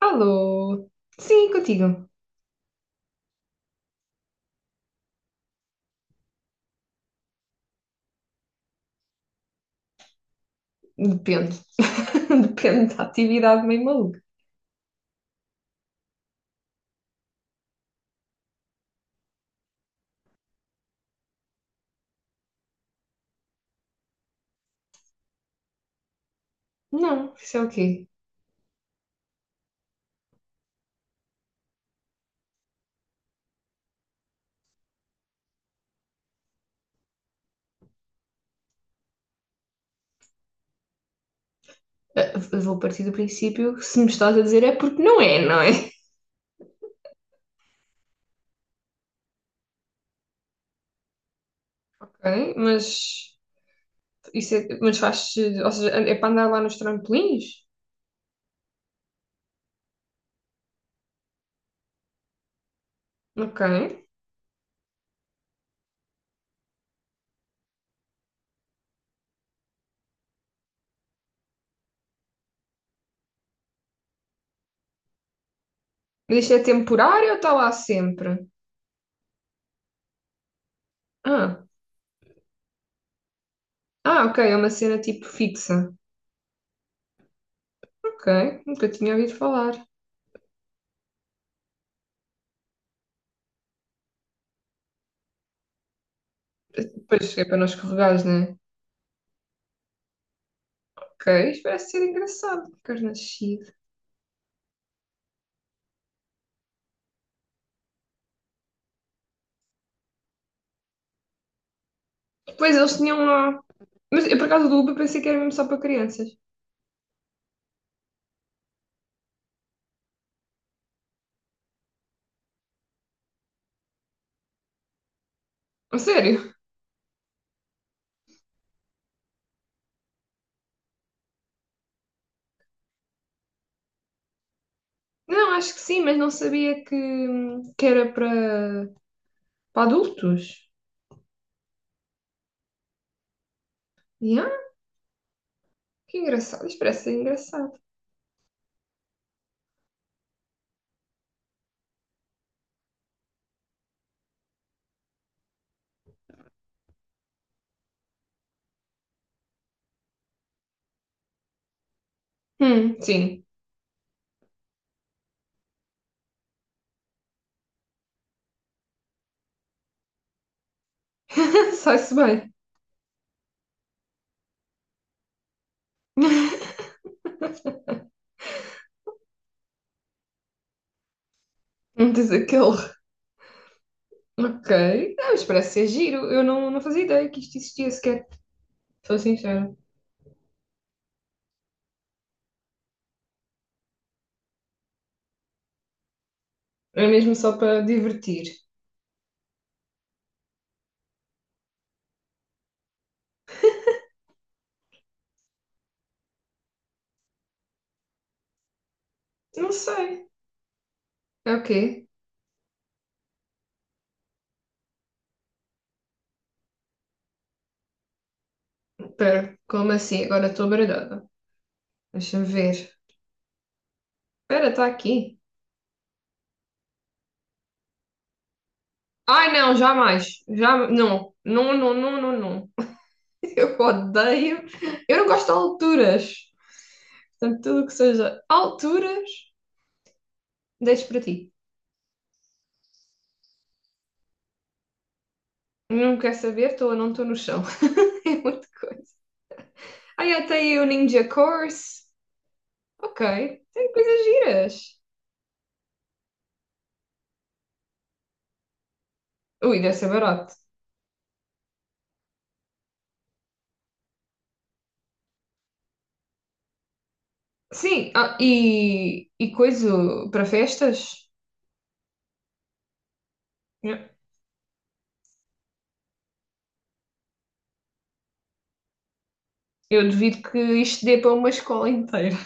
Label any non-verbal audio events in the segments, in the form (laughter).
Alô? Sim, contigo. Depende. (laughs) Depende da atividade meio maluca. Não, isso é o quê? Ah, eu vou partir do princípio que se me estás a dizer é porque não é, não é? Ok, mas isso é, mas faz, ou seja, é para andar lá nos trampolins? Ok. Mas isto é temporário ou está lá sempre? Ah, ah, ok, é uma cena tipo fixa. Ok, nunca tinha ouvido falar. Depois é para não escorregares, né? Ok, isto parece ser engraçado. Carne nascido. Depois eles tinham lá. Mas eu, por acaso do Uber, pensei que era mesmo só para crianças. A sério? Não, acho que sim, mas não sabia que era para adultos. Yeah, que engraçado. Isto parece ser engraçado. Sim. (laughs) Sai-se bem. Não diz aquele. (laughs) Ok. Não, mas parece ser giro. Eu não fazia ideia que isto existia sequer. Sou sincera. É mesmo só para divertir. Não sei. É o quê? Espera, como assim? Agora estou baralhada. Deixa-me ver. Espera, está aqui. Ai, não, jamais. Já, não. Não, não, não, não, não. (laughs) Eu odeio. Eu não gosto de alturas. Portanto, tudo o que seja alturas, deixo para ti. Não quer saber, estou ou não estou no chão. (laughs) É muita coisa. Ai, até aí o Ninja Course. Ok, tem coisas giras. Ui, deve ser barato. Sim, ah, e coisa para festas? Yeah. Eu duvido que isto dê para uma escola inteira.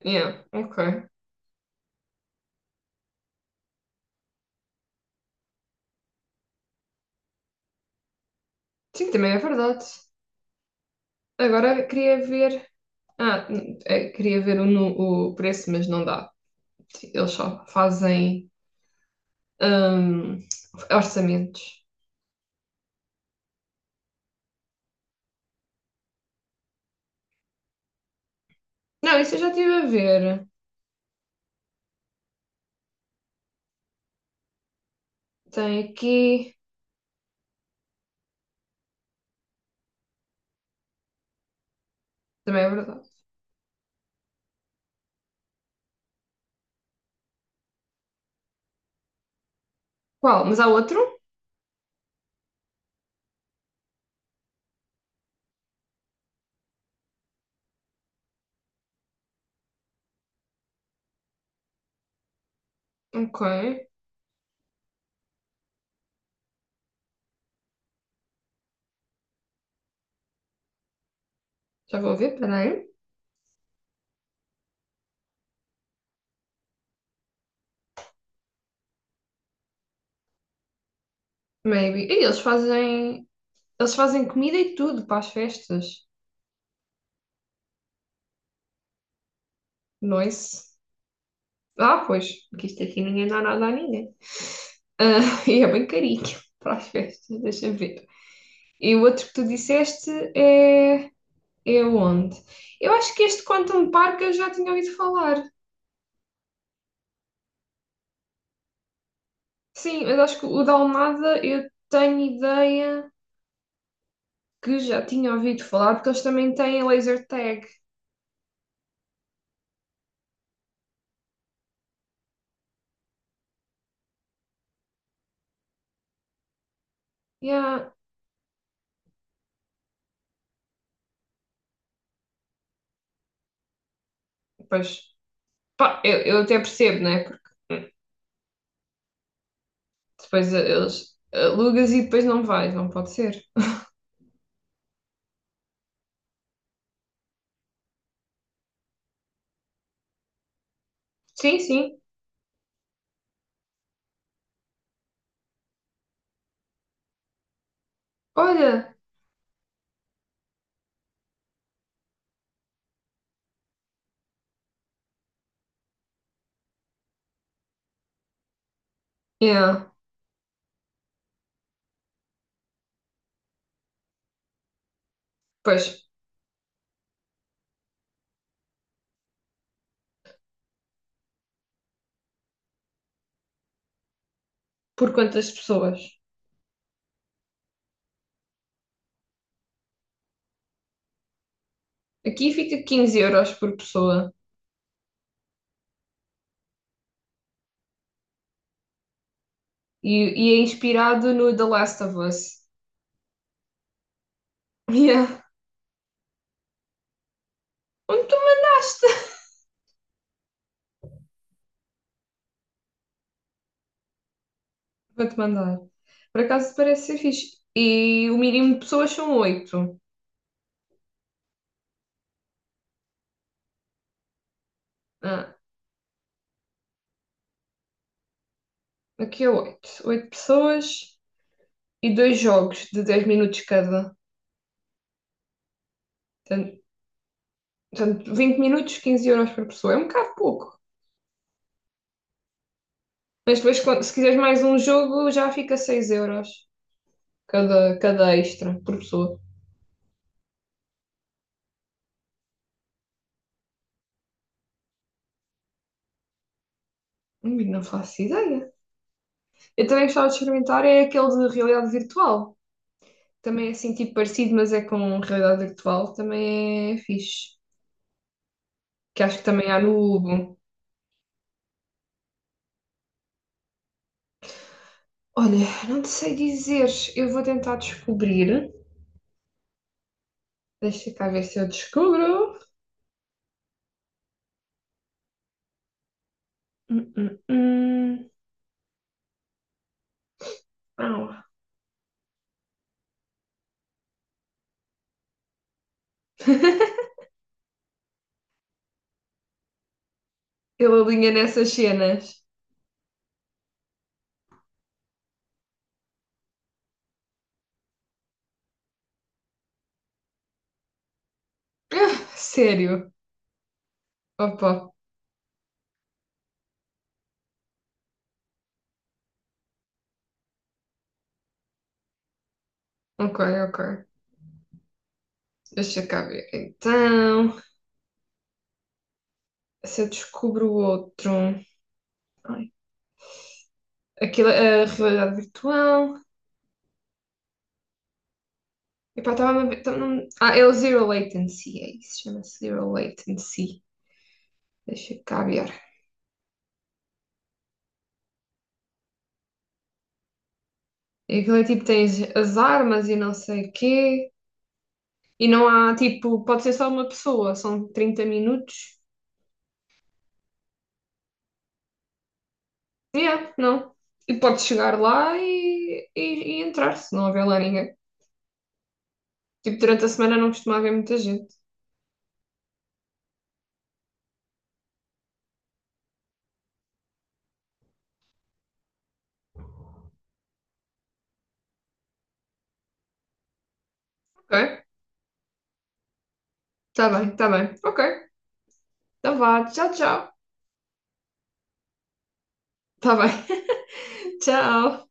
(laughs) Yeah, ok. Sim, também é verdade. Agora queria ver. Ah, queria ver o, o preço, mas não dá. Eles só fazem hum, orçamentos. Não, isso eu já estive a ver. Tem aqui. Também é verdade. Qual? Mas há outro? Ok. Já vou ver, peraí. Maybe. E eles fazem. Eles fazem comida e tudo para as festas. Nois. Ah, pois. Porque isto aqui ninguém dá nada a ninguém. Ah, (laughs) e é bem carinho (laughs) para as festas, deixa eu ver. E o outro que tu disseste é. Eu onde? Eu acho que este Quantum Park eu já tinha ouvido falar. Sim, mas acho que o da Almada eu tenho ideia que já tinha ouvido falar, porque eles também têm laser tag. Yeah. Pois, pá, eu até percebo, né? Porque depois eles alugas e depois não vais, não pode ser. Sim, sim. Olha, yeah. Pois, por quantas pessoas? Aqui fica 15 euros por pessoa e, e é inspirado no The Last of Us. (laughs) Yeah. Onde tu mandaste? Vou-te mandar. Por acaso parece ser fixe. E o mínimo de pessoas são oito. Ah, aqui é oito. Oito pessoas e dois jogos de 10 minutos cada. Portanto, 20 minutos, 15 euros por pessoa. É um bocado pouco. Mas depois, se quiseres mais um jogo, já fica 6 euros cada extra por pessoa. Não faço ideia. Eu também gostava de experimentar é aquele de realidade virtual. Também é assim, tipo parecido, mas é com realidade virtual. Também é fixe. Que acho que também há no Hugo. Olha, não te sei dizer. Eu vou tentar descobrir. Deixa cá ver se eu descubro. Hum, hum, hum. Au. (laughs) Ele alinha nessas cenas. (laughs) Ah, sério? Opa, ok, ok. Deixa cá ver. Então, se eu descubro outro. Ai, aquilo, é a realidade virtual. Epá, estava a ver. Ah, é o Zero Latency, é isso. Chama-se Zero Latency. Deixa cá ver. E aquilo é tipo, tens as armas e não sei o quê. E não há, tipo, pode ser só uma pessoa, são 30 minutos. Yeah, não. E podes chegar lá e entrar, se não houver lá ninguém. Tipo, durante a semana não costuma haver muita gente. Ok, tá bem, tá bem. Ok, então vá, tchau, tchau. Tá bem, (laughs) tchau.